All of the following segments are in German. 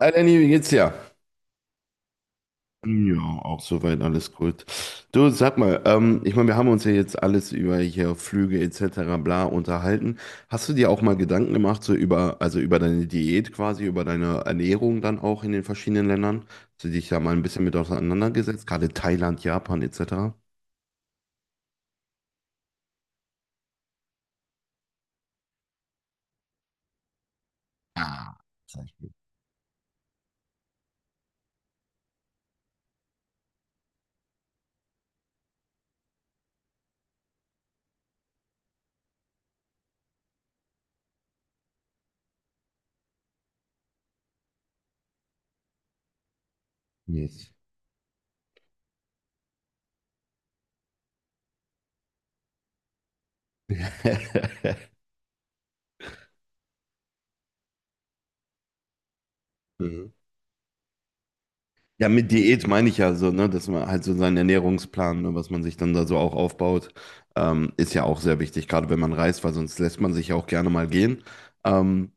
Hi Lenny, wie geht's dir? Ja, auch soweit alles gut. Du, sag mal, ich meine, wir haben uns ja jetzt alles über hier Flüge etc. bla unterhalten. Hast du dir auch mal Gedanken gemacht, so über, also über deine Diät quasi, über deine Ernährung dann auch in den verschiedenen Ländern? Hast du dich da mal ein bisschen mit auseinandergesetzt, gerade Thailand, Japan etc.? Ah, sag ich nicht. Mhm. Ja, mit Diät meine ich ja so, ne, dass man halt so seinen Ernährungsplan, ne, was man sich dann da so auch aufbaut, ist ja auch sehr wichtig, gerade wenn man reist, weil sonst lässt man sich ja auch gerne mal gehen. Ähm,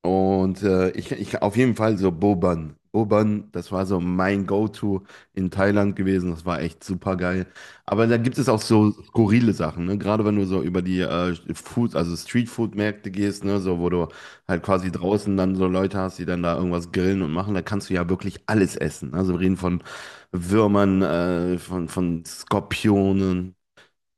und ich auf jeden Fall so Boban. Boban, das war so mein Go-To in Thailand gewesen. Das war echt super geil. Aber da gibt es auch so skurrile Sachen, ne? Gerade wenn du so über die Food, also Streetfood-Märkte gehst, ne? So, wo du halt quasi draußen dann so Leute hast, die dann da irgendwas grillen und machen, da kannst du ja wirklich alles essen. Also wir reden von Würmern, von Skorpionen.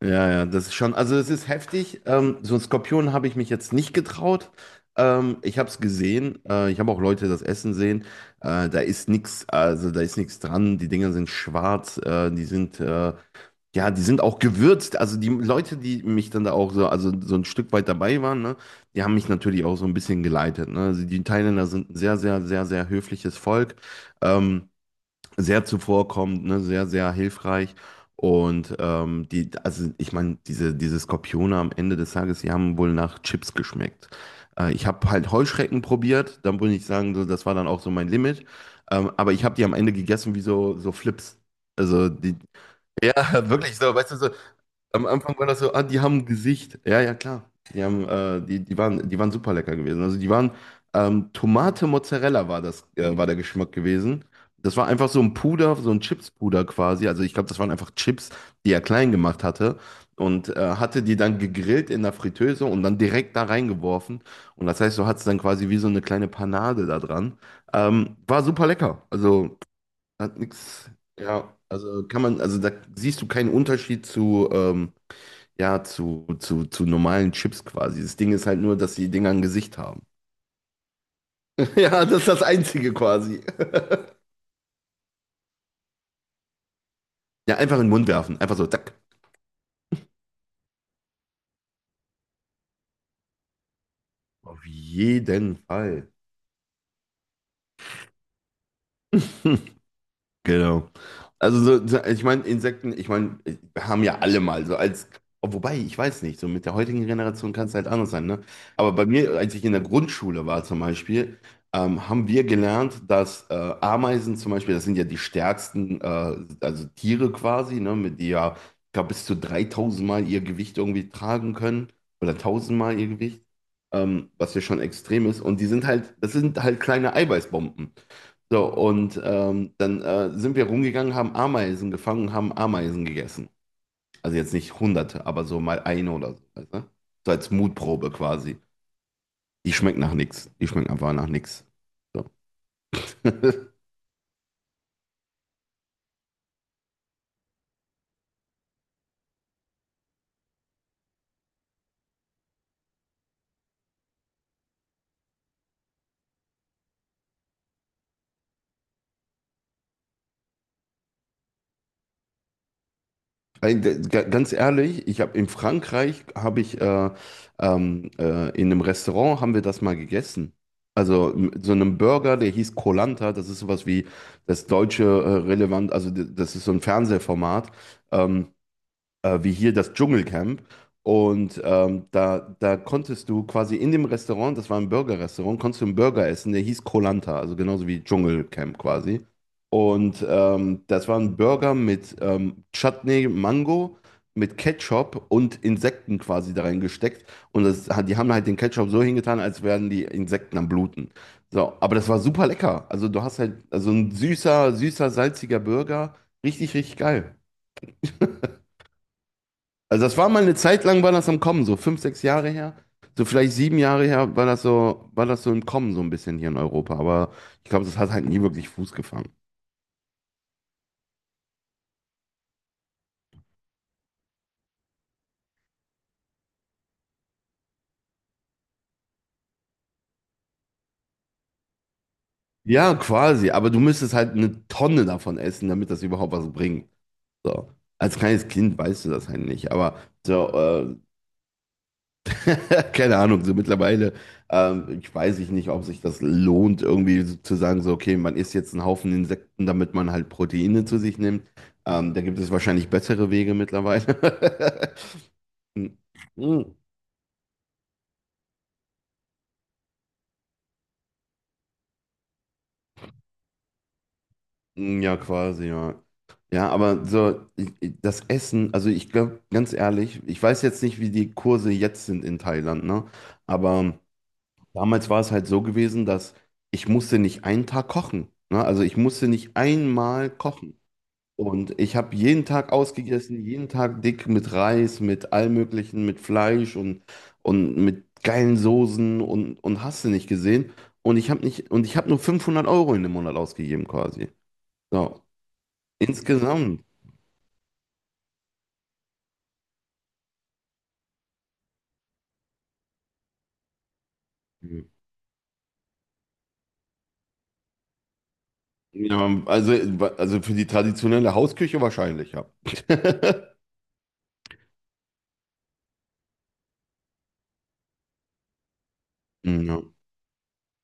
Ja, ja, das ist schon, also es ist heftig. So ein Skorpion habe ich mich jetzt nicht getraut. Ich habe es gesehen. Ich habe auch Leute das Essen sehen. Da ist nichts, also da ist nichts dran. Die Dinger sind schwarz. Ja, die sind auch gewürzt. Also die Leute, die mich dann da auch so, also so ein Stück weit dabei waren, ne, die haben mich natürlich auch so ein bisschen geleitet. Ne? Also die Thailänder sind ein sehr, sehr, sehr, sehr höfliches Volk. Ähm, Sehr zuvorkommend, ne, sehr, sehr hilfreich. Und also ich meine, diese Skorpione am Ende des Tages, die haben wohl nach Chips geschmeckt. Ich habe halt Heuschrecken probiert, dann würde ich sagen, so, das war dann auch so mein Limit. Aber ich habe die am Ende gegessen wie so, so Flips. Also die, ja, wirklich so, weißt du, so, am Anfang war das so, ah, die haben ein Gesicht. Ja, ja, klar. Die haben, die waren super lecker gewesen. Also die waren, Tomate Mozzarella war das, war der Geschmack gewesen. Das war einfach so ein Puder, so ein Chips-Puder quasi. Also ich glaube, das waren einfach Chips, die er klein gemacht hatte. Und hatte die dann gegrillt in der Fritteuse und dann direkt da reingeworfen. Und das heißt, so hat es dann quasi wie so eine kleine Panade da dran. War super lecker. Also hat nichts, ja, also kann man, also da siehst du keinen Unterschied zu, ja, zu normalen Chips quasi. Das Ding ist halt nur, dass die Dinger ein Gesicht haben. Ja, das ist das Einzige quasi. Ja, einfach in den Mund werfen. Einfach so, zack. Auf jeden Fall. Genau. Ich meine, Insekten, ich meine, wir haben ja alle mal so als, oh, wobei, ich weiß nicht, so mit der heutigen Generation kann es halt anders sein, ne? Aber bei mir, als ich in der Grundschule war zum Beispiel, haben wir gelernt, dass Ameisen zum Beispiel, das sind ja die stärksten, also Tiere quasi, ne, mit die ja, ich glaube, bis zu 3000 Mal ihr Gewicht irgendwie tragen können oder 1000 Mal ihr Gewicht, was ja schon extrem ist. Und die sind halt, das sind halt kleine Eiweißbomben. So, und dann sind wir rumgegangen, haben Ameisen gefangen und haben Ameisen gegessen. Also jetzt nicht hunderte, aber so mal eine oder so. Weißt du? So als Mutprobe quasi. Die schmeckt nach nichts. Die schmeckt einfach nach nichts. So. Ganz ehrlich, ich habe in Frankreich habe ich in einem Restaurant haben wir das mal gegessen. Also so einem Burger, der hieß Koh-Lanta, das ist sowas wie das deutsche relevant, also das ist so ein Fernsehformat. Ähm, Wie hier das Dschungelcamp. Und da, da konntest du quasi in dem Restaurant, das war ein Burger-Restaurant, konntest du einen Burger essen, der hieß koh, also genauso wie Dschungelcamp quasi. Und das war ein Burger mit Chutney, Mango, mit Ketchup und Insekten quasi da reingesteckt. Die haben halt den Ketchup so hingetan, als wären die Insekten am Bluten. So, aber das war super lecker. Also du hast halt, also ein süßer, süßer, salziger Burger. Richtig, richtig geil. Also das war mal eine Zeit lang, war das am Kommen, so fünf, sechs Jahre her. So vielleicht sieben Jahre her war das so im Kommen, so ein bisschen hier in Europa. Aber ich glaube, das hat halt nie wirklich Fuß gefangen. Ja, quasi, aber du müsstest halt eine Tonne davon essen, damit das überhaupt was bringt. So. Als kleines Kind weißt du das halt nicht. Aber so, äh, keine Ahnung, so mittlerweile, ich weiß ich nicht, ob sich das lohnt, irgendwie so zu sagen, so, okay, man isst jetzt einen Haufen Insekten, damit man halt Proteine zu sich nimmt. Da gibt es wahrscheinlich bessere Wege mittlerweile. Mm, mm, ja, quasi, ja. Ja, aber so, das Essen, also ich glaube, ganz ehrlich, ich weiß jetzt nicht, wie die Kurse jetzt sind in Thailand, ne? Aber damals war es halt so gewesen, dass ich musste nicht einen Tag kochen, ne? Also ich musste nicht einmal kochen. Und ich habe jeden Tag ausgegessen, jeden Tag dick mit Reis, mit allem Möglichen, mit Fleisch und mit geilen Soßen und hast du nicht gesehen. Und ich habe nicht, und ich habe nur 500 Euro in dem Monat ausgegeben quasi. So, insgesamt. Ja, also für die traditionelle Hausküche wahrscheinlich, ja. Ja.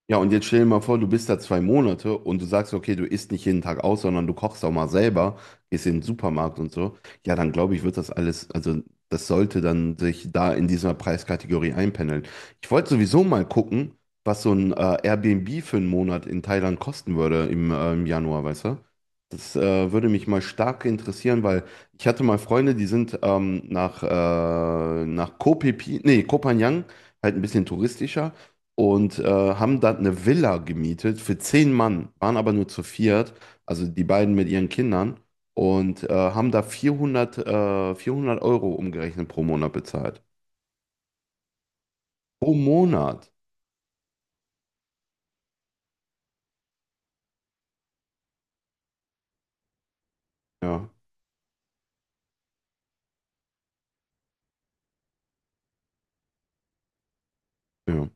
Ja, und jetzt stell dir mal vor, du bist da zwei Monate und du sagst, okay, du isst nicht jeden Tag aus, sondern du kochst auch mal selber, gehst in den Supermarkt und so. Ja, dann glaube ich, wird das alles, also das sollte dann sich da in dieser Preiskategorie einpendeln. Ich wollte sowieso mal gucken, was so ein Airbnb für einen Monat in Thailand kosten würde im, im Januar, weißt du? Das würde mich mal stark interessieren, weil ich hatte mal Freunde, die sind nach Koh Phi Phi, nee, Koh Phangan, halt ein bisschen touristischer und haben dann eine Villa gemietet für zehn Mann, waren aber nur zu viert, also die beiden mit ihren Kindern und haben da 400 400 Euro umgerechnet pro Monat bezahlt. Pro Monat? Ja, ja,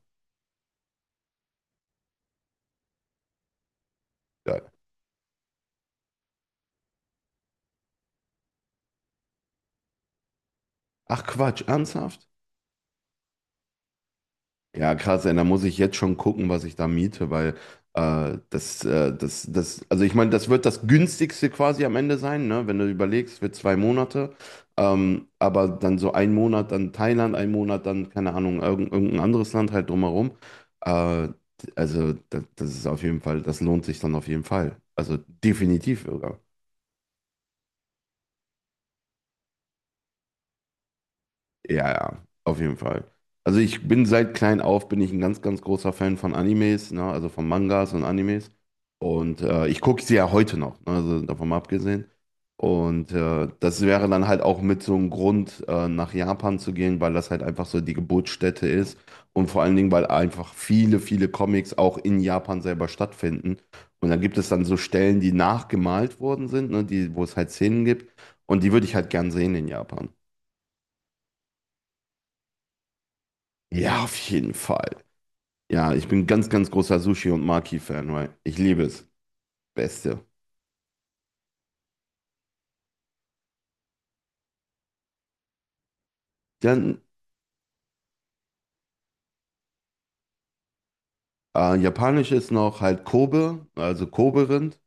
geil. Ach Quatsch, ernsthaft? Ja, krass, ey, da muss ich jetzt schon gucken, was ich da miete, weil also ich meine, das wird das günstigste quasi am Ende sein, ne? Wenn du überlegst, für zwei Monate, aber dann so ein Monat dann Thailand, ein Monat dann, keine Ahnung, irgendein anderes Land halt drumherum. Äh, also das ist auf jeden Fall, das lohnt sich dann auf jeden Fall. Also definitiv, ja, ja, auf jeden Fall. Also ich bin seit klein auf, bin ich ein ganz, ganz großer Fan von Animes, ne? Also von Mangas und Animes. Und ich gucke sie ja heute noch, ne? Also davon mal abgesehen. Und das wäre dann halt auch mit so einem Grund, nach Japan zu gehen, weil das halt einfach so die Geburtsstätte ist. Und vor allen Dingen, weil einfach viele, viele Comics auch in Japan selber stattfinden. Und dann gibt es dann so Stellen, die nachgemalt worden sind, ne? Die, wo es halt Szenen gibt. Und die würde ich halt gern sehen in Japan. Ja, auf jeden Fall. Ja, ich bin ganz, ganz großer Sushi- und Maki-Fan, weil ich liebe es. Beste. Dann japanisch ist noch halt Kobe, also Kobe-Rind.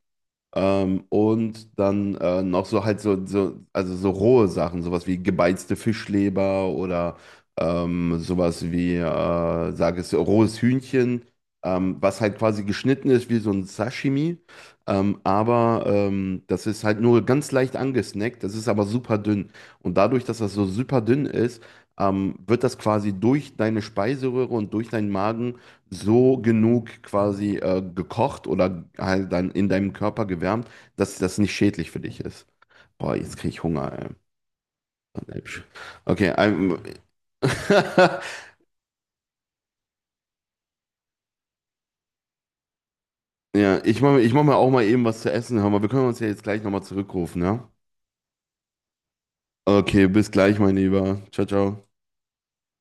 Und dann noch so halt also so rohe Sachen, sowas wie gebeizte Fischleber oder sowas wie, sag es, rohes Hühnchen, was halt quasi geschnitten ist wie so ein Sashimi. Aber das ist halt nur ganz leicht angesnackt, das ist aber super dünn. Und dadurch, dass das so super dünn ist, wird das quasi durch deine Speiseröhre und durch deinen Magen so genug quasi gekocht oder halt dann in deinem Körper gewärmt, dass das nicht schädlich für dich ist. Boah, jetzt kriege ich Hunger, ey. Okay, ja, ich mache ich mach mir auch mal eben was zu essen. Hör mal, wir können uns ja jetzt gleich nochmal zurückrufen, ja? Okay, bis gleich, mein Lieber. Ciao, ciao.